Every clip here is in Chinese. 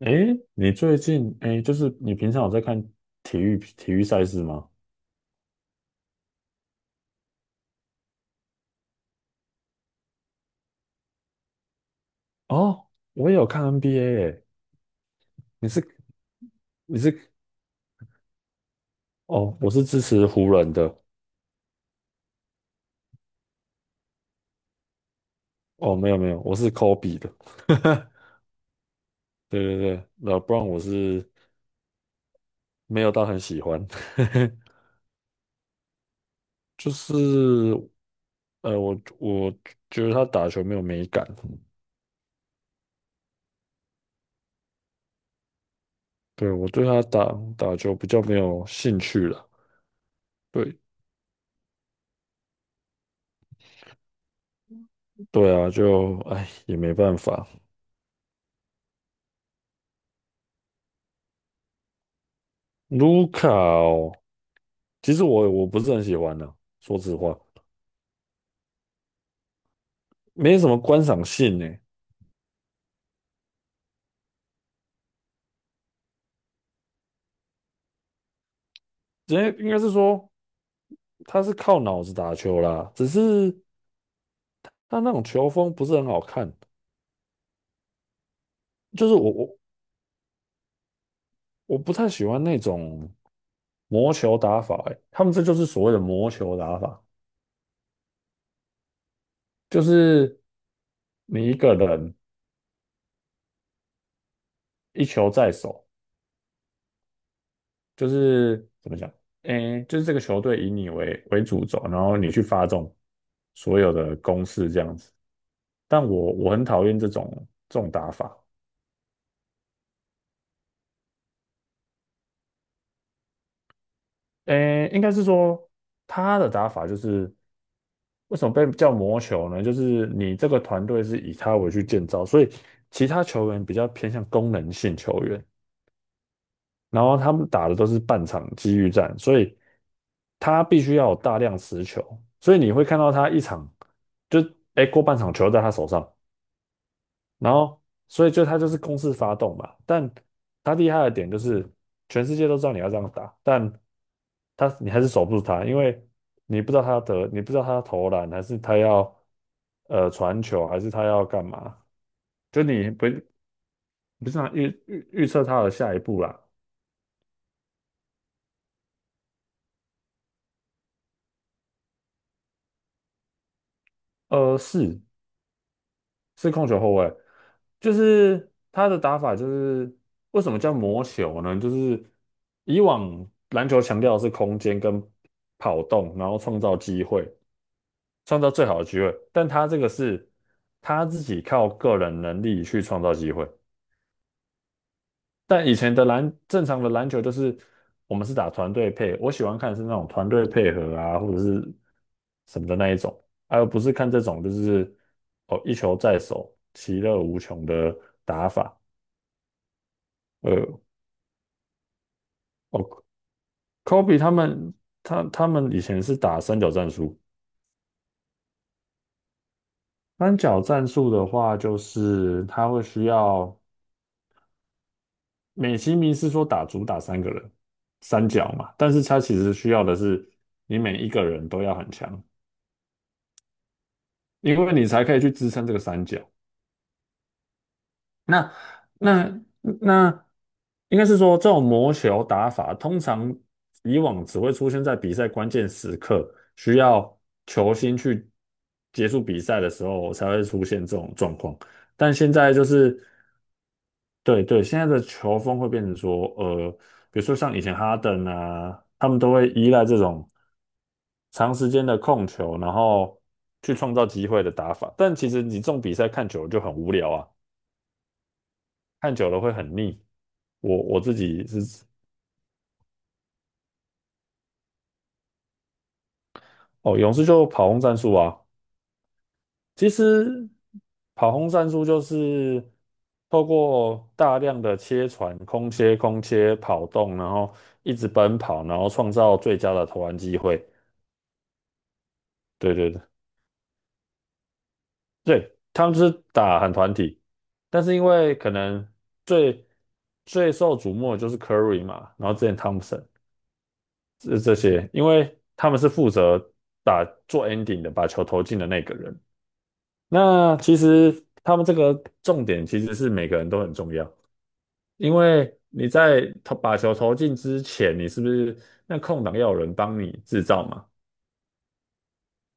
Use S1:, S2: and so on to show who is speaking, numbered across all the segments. S1: 诶，你最近就是你平常有在看体育赛事吗？哦，我也有看 NBA 诶。你是你是哦，我是支持湖人的。哦，没有没有，我是 Kobe 的。对对对，老布 n 我是没有到很喜欢。就是我觉得他打球没有美感。对，我对他打球比较没有兴趣了。对对啊，就哎也没办法。卢卡哦，其实我不是很喜欢的，说实话，没什么观赏性呢。人为应该是说他是靠脑子打球啦，只是他那种球风不是很好看。就是我不太喜欢那种魔球打法。欸，他们这就是所谓的魔球打法，就是你一个人一球在手，就是怎么讲，诶，就是这个球队以你为主轴，然后你去发动所有的攻势这样子。但我很讨厌这种打法。诶，应该是说他的打法就是为什么被叫魔球呢？就是你这个团队是以他为去建造，所以其他球员比较偏向功能性球员，然后他们打的都是半场机遇战，所以他必须要有大量持球，所以你会看到他一场就诶，过半场球在他手上，然后所以就他就是公式发动嘛。但他厉害的点就是全世界都知道你要这样打，但他你还是守不住他，因为你不知道它得，你不知道它投篮还是他要传球还是他要干嘛，就你不是想预测他的下一步啦。是，是控球后卫。就是他的打法就是为什么叫魔球呢？就是以往篮球强调的是空间跟跑动，然后创造机会，创造最好的机会，但他这个是他自己靠个人能力去创造机会。但以前的正常的篮球就是我们是打团队配，我喜欢看的是那种团队配合啊，或者是什么的那一种，而不是看这种就是哦一球在手，其乐无穷的打法。呃，哦，Kobe 他们以前是打三角战术。三角战术的话就是他会需要美其名是说主打3个人三角嘛，但是他其实需要的是你每一个人都要很强。因为你才可以去支撑这个三角。那那那，应该是说这种魔球打法，通常以往只会出现在比赛关键时刻，需要球星去结束比赛的时候才会出现这种状况。但现在就是对对，现在的球风会变成说，比如说像以前哈登啊，他们都会依赖这种长时间的控球，然后去创造机会的打法。但其实你这种比赛看久了就很无聊啊，看久了会很腻。我自己是哦，勇士就跑轰战术啊。其实跑轰战术就是透过大量的切传、空切、跑动，然后一直奔跑，然后创造最佳的投篮机会。对对对。对，他们就是打很团体。但是因为可能最最受瞩目的就是 Curry 嘛，然后之前汤普森这些，因为他们是负责打做 ending 的，把球投进的那个人。那其实他们这个重点其实是每个人都很重要，因为你在把球投进之前，你是不是那空档要有人帮你制造嘛？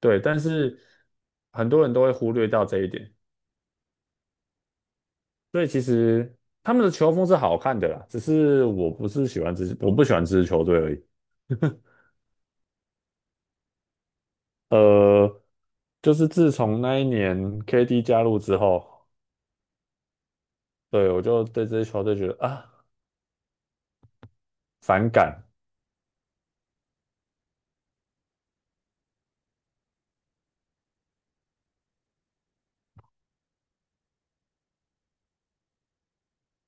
S1: 对，但是很多人都会忽略到这一点。所以其实他们的球风是好看的啦，只是我不是喜欢这支，我不喜欢这支球队而已。呃，就是自从那一年 KD 加入之后，对，我就对这支球队觉得啊反感。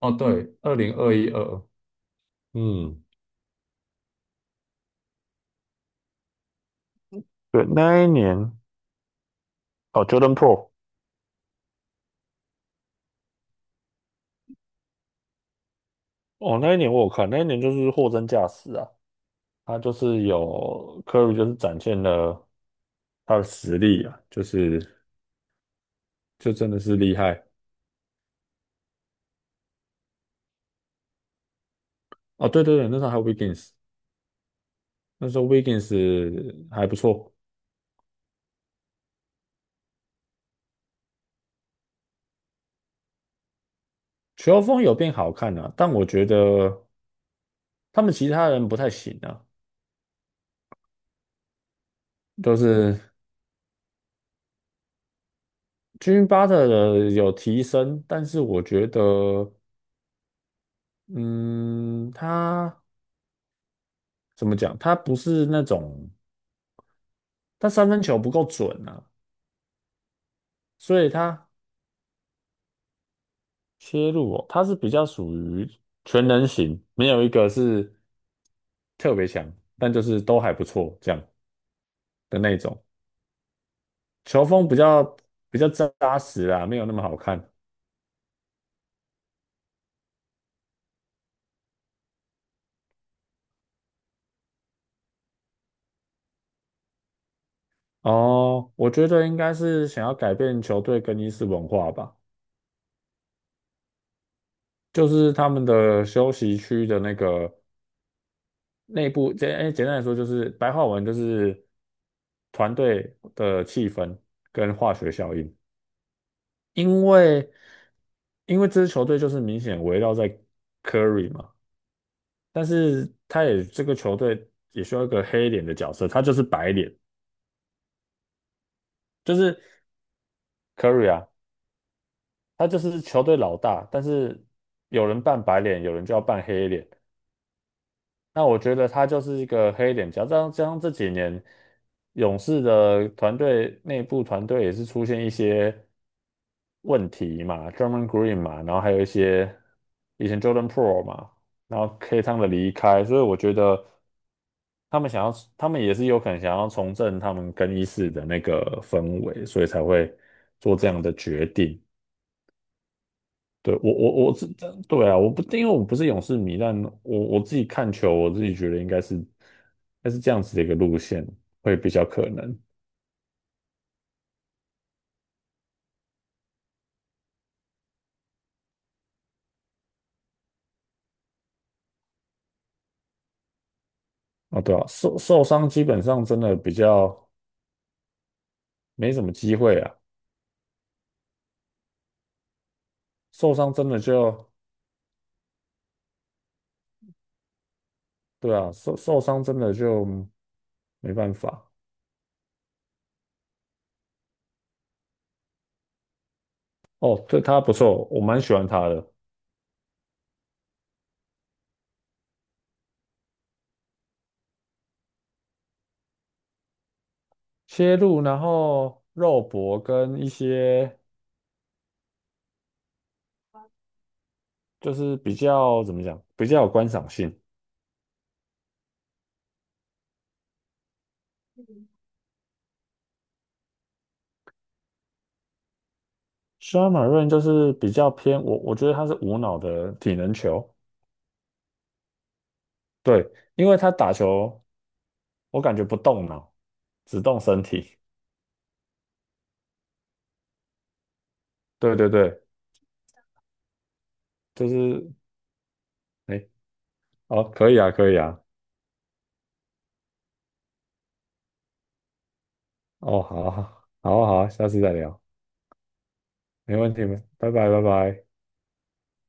S1: 哦，对，2021二二2，嗯，对，那一年哦，Jordan Po，r。 哦，那一年我有看，那一年就是货真价实啊，他就是有 Curry，就是展现了他的实力啊，就是就真的是厉害。哦，对对对，那时候还有 Wiggins，那时候 Wiggins 还不错。球风有变好看啊，但我觉得他们其他人不太行啊。就是 j i m m t 的有提升，但是我觉得，嗯，他怎么讲？他不是那种他三分球不够准啊，所以他切入哦，他是比较属于全能型，没有一个是特别强，但就是都还不错这样的那种，球风比较扎实啊，没有那么好看。哦，我觉得应该是想要改变球队更衣室文化吧。就是他们的休息区的那个内部，简单来说就是白话文就是团队的气氛跟化学效应。因为因为这支球队就是明显围绕在 Curry 嘛，但是他也这个球队也需要一个黑脸的角色，他就是白脸。就是 Curry 啊，他就是球队老大，但是有人扮白脸，有人就要扮黑脸。那我觉得他就是一个黑脸。加上这几年勇士的团队内部团队也是出现一些问题嘛，Draymond Green 嘛，然后还有一些以前 Jordan p r o 嘛，然后 K 汤的离开，所以我觉得他们想要，他们也是有可能想要重振他们更衣室的那个氛围，所以才会做这样的决定。对，我是。对啊，我不，因为我不是勇士迷。但我自己看球，我自己觉得应该是，这样子的一个路线会比较可能啊。对啊，受伤基本上真的比较没什么机会啊。受伤真的就，对啊，受伤真的就没办法。哦，对，他不错，我蛮喜欢他的切入，然后肉搏跟一些就是比较怎么讲，比较有观赏性。Sean m a r i n 就是比较偏我，我觉得他是无脑的体能球。对，因为他打球我感觉不动脑，只动身体。对对对，就是哎，好，可以啊，可以啊。哦，好，好，好，好，下次再聊，没问题，没，拜拜，拜拜。